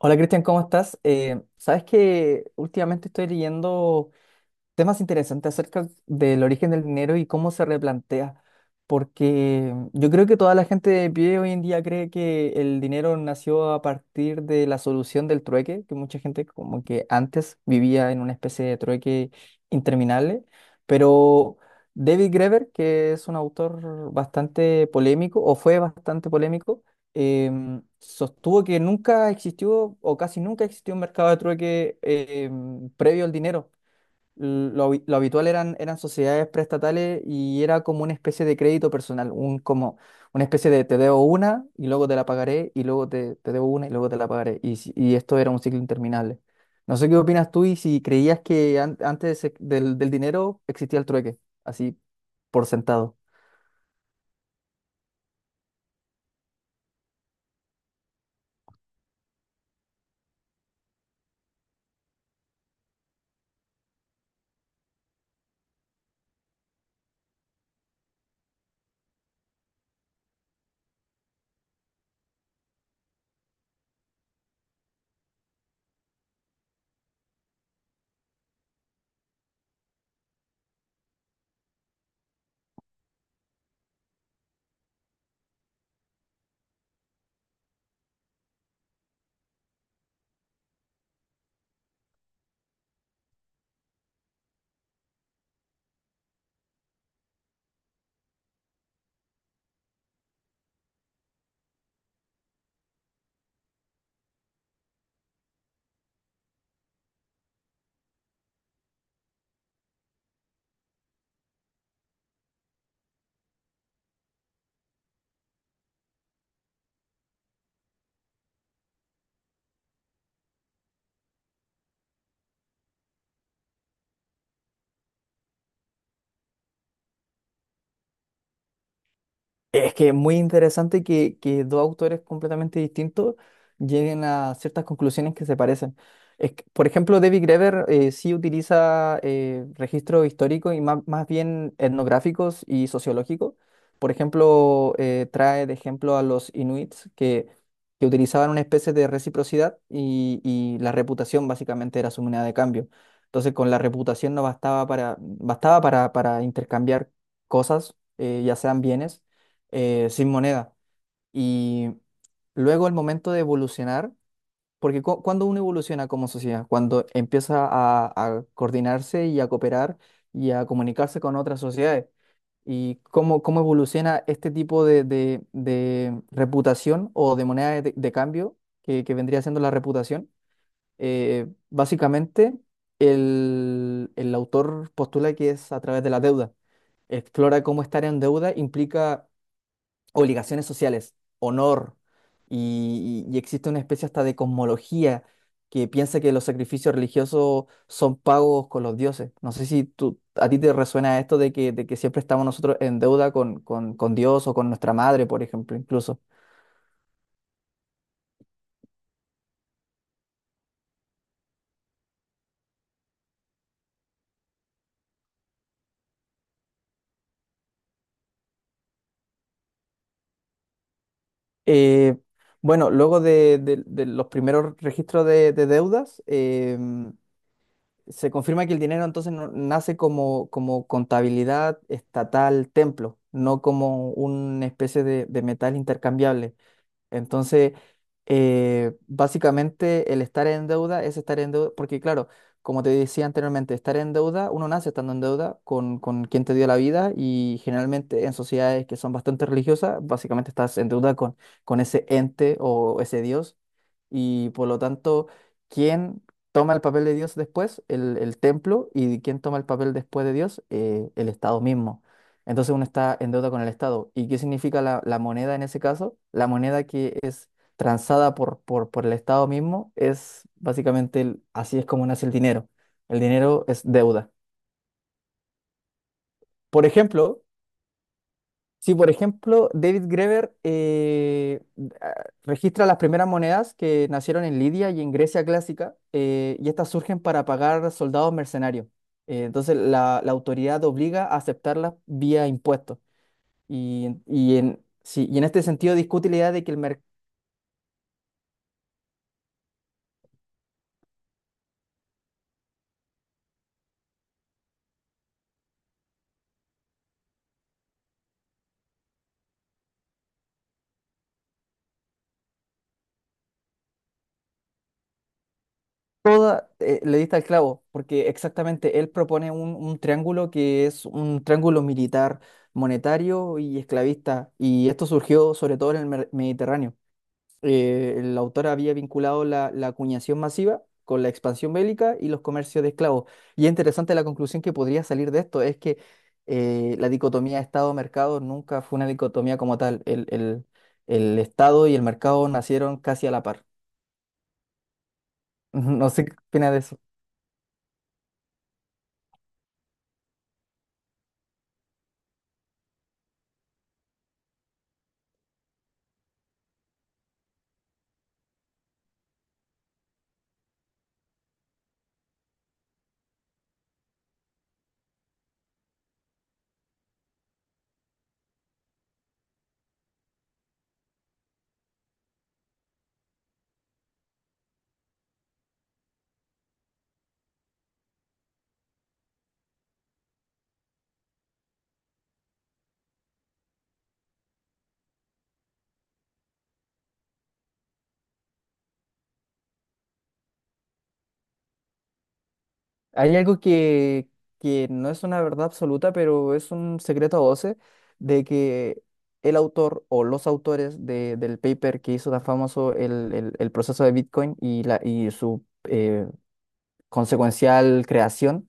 Hola Cristian, ¿cómo estás? Sabes que últimamente estoy leyendo temas interesantes acerca del origen del dinero y cómo se replantea, porque yo creo que toda la gente de pie hoy en día cree que el dinero nació a partir de la solución del trueque, que mucha gente como que antes vivía en una especie de trueque interminable. Pero David Graeber, que es un autor bastante polémico, o fue bastante polémico, sostuvo que nunca existió o casi nunca existió un mercado de trueque previo al dinero. Lo habitual eran sociedades preestatales y era como una especie de crédito personal, como una especie de te debo una y luego te la pagaré, y luego te debo una y luego te la pagaré. Y, si- y esto era un ciclo interminable. No sé qué opinas tú y si creías que antes del dinero existía el trueque, así por sentado. Es que es muy interesante que dos autores completamente distintos lleguen a ciertas conclusiones que se parecen. Es que, por ejemplo, David Graeber sí utiliza registros históricos y más bien etnográficos y sociológicos. Por ejemplo, trae de ejemplo a los inuits que utilizaban una especie de reciprocidad, y la reputación básicamente era su moneda de cambio. Entonces, con la reputación no bastaba bastaba para intercambiar cosas, ya sean bienes, sin moneda. Y luego el momento de evolucionar, porque cuando uno evoluciona como sociedad, cuando empieza a coordinarse y a cooperar y a comunicarse con otras sociedades, y cómo, cómo evoluciona este tipo de reputación o de moneda de cambio, que vendría siendo la reputación. Básicamente el autor postula que es a través de la deuda, explora cómo estar en deuda implica obligaciones sociales, honor, y existe una especie hasta de cosmología que piensa que los sacrificios religiosos son pagos con los dioses. No sé si a ti te resuena esto de que siempre estamos nosotros en deuda con Dios o con nuestra madre, por ejemplo, incluso. Eh, bueno, luego de los primeros registros de deudas, se confirma que el dinero entonces nace como contabilidad estatal templo, no como una especie de metal intercambiable. Entonces, básicamente el estar en deuda es estar en deuda, porque claro, como te decía anteriormente, estar en deuda, uno nace estando en deuda con quien te dio la vida, y generalmente en sociedades que son bastante religiosas, básicamente estás en deuda con ese ente o ese Dios, y por lo tanto, ¿quién toma el papel de Dios después? El templo. ¿Y quién toma el papel después de Dios? El Estado mismo. Entonces uno está en deuda con el Estado. ¿Y qué significa la moneda en ese caso? La moneda que es transada por el Estado mismo es básicamente así es como nace el dinero. El dinero es deuda. Por ejemplo, sí, por ejemplo, David Greber, ah, registra las primeras monedas que nacieron en Lidia y en Grecia clásica, y estas surgen para pagar soldados mercenarios. Entonces, la autoridad obliga a aceptarlas vía impuestos. Y en este sentido discute la idea de que el mercado, le dista al clavo, porque exactamente él propone un triángulo que es un triángulo militar, monetario y esclavista, y esto surgió sobre todo en el Mediterráneo. El autor había vinculado la acuñación masiva con la expansión bélica y los comercios de esclavos. Y es interesante la conclusión que podría salir de esto, es que la dicotomía Estado-mercado nunca fue una dicotomía como tal. El Estado y el mercado nacieron casi a la par. No sé qué opinas de eso. Hay algo que no es una verdad absoluta, pero es un secreto a voces de que el autor o los autores del paper que hizo tan famoso el proceso de Bitcoin y su consecuencial creación,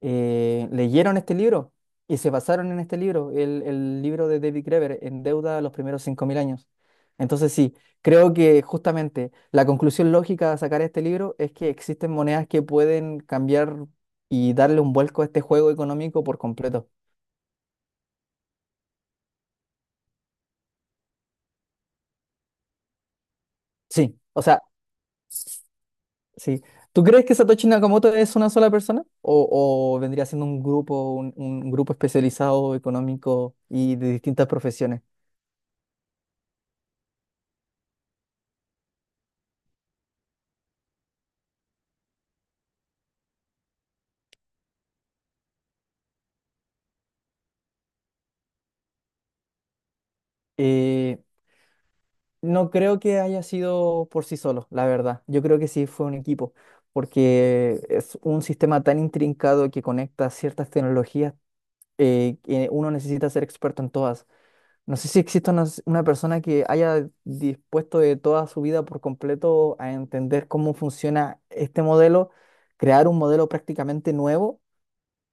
leyeron este libro y se basaron en este libro, el libro de David Graeber, En deuda a los primeros 5000 años. Entonces sí, creo que justamente la conclusión lógica de sacar este libro es que existen monedas que pueden cambiar y darle un vuelco a este juego económico por completo. Sí, o sea, sí. ¿Tú crees que Satoshi Nakamoto es una sola persona? O vendría siendo un grupo, un grupo especializado económico y de distintas profesiones? Eh, No creo que haya sido por sí solo, la verdad. Yo creo que sí fue un equipo, porque es un sistema tan intrincado que conecta ciertas tecnologías, que uno necesita ser experto en todas. No sé si existe una persona que haya dispuesto de toda su vida por completo a entender cómo funciona este modelo, crear un modelo prácticamente nuevo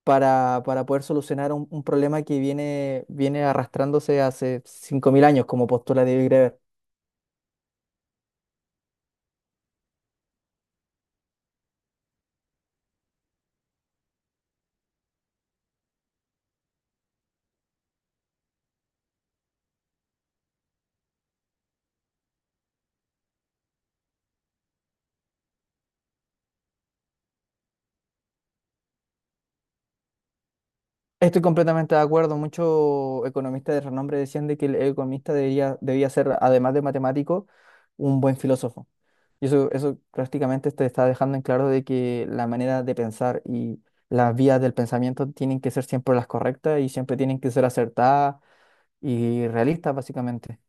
para poder solucionar un problema que viene arrastrándose hace 5000 años, como postula David Greber. Estoy completamente de acuerdo. Muchos economistas de renombre decían de que el economista debía ser, además de matemático, un buen filósofo. Y eso prácticamente te está dejando en claro de que la manera de pensar y las vías del pensamiento tienen que ser siempre las correctas, y siempre tienen que ser acertadas y realistas, básicamente.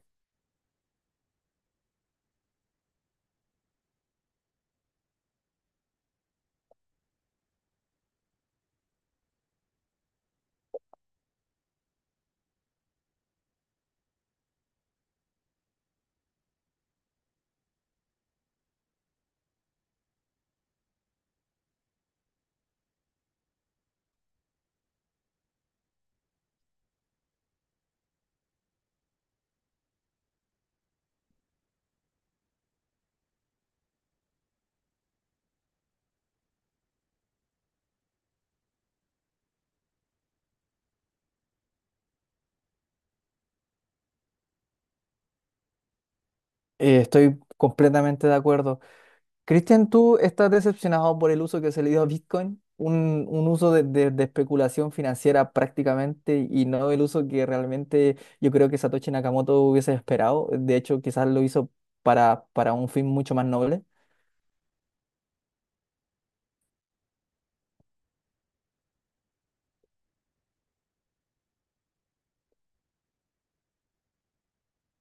Estoy completamente de acuerdo. Cristian, ¿tú estás decepcionado por el uso que se le dio a Bitcoin? Un uso de especulación financiera prácticamente, y no el uso que realmente yo creo que Satoshi Nakamoto hubiese esperado. De hecho, quizás lo hizo para un fin mucho más noble.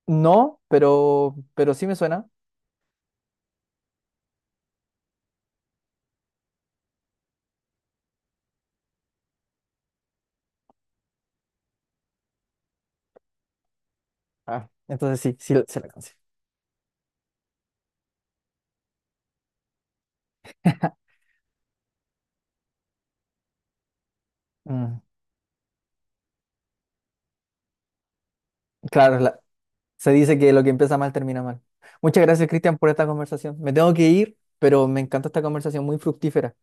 No, pero sí me suena. Ah, entonces sí, sí se la alcancé. Mm, claro, se dice que lo que empieza mal termina mal. Muchas gracias, Cristian, por esta conversación. Me tengo que ir, pero me encanta esta conversación muy fructífera.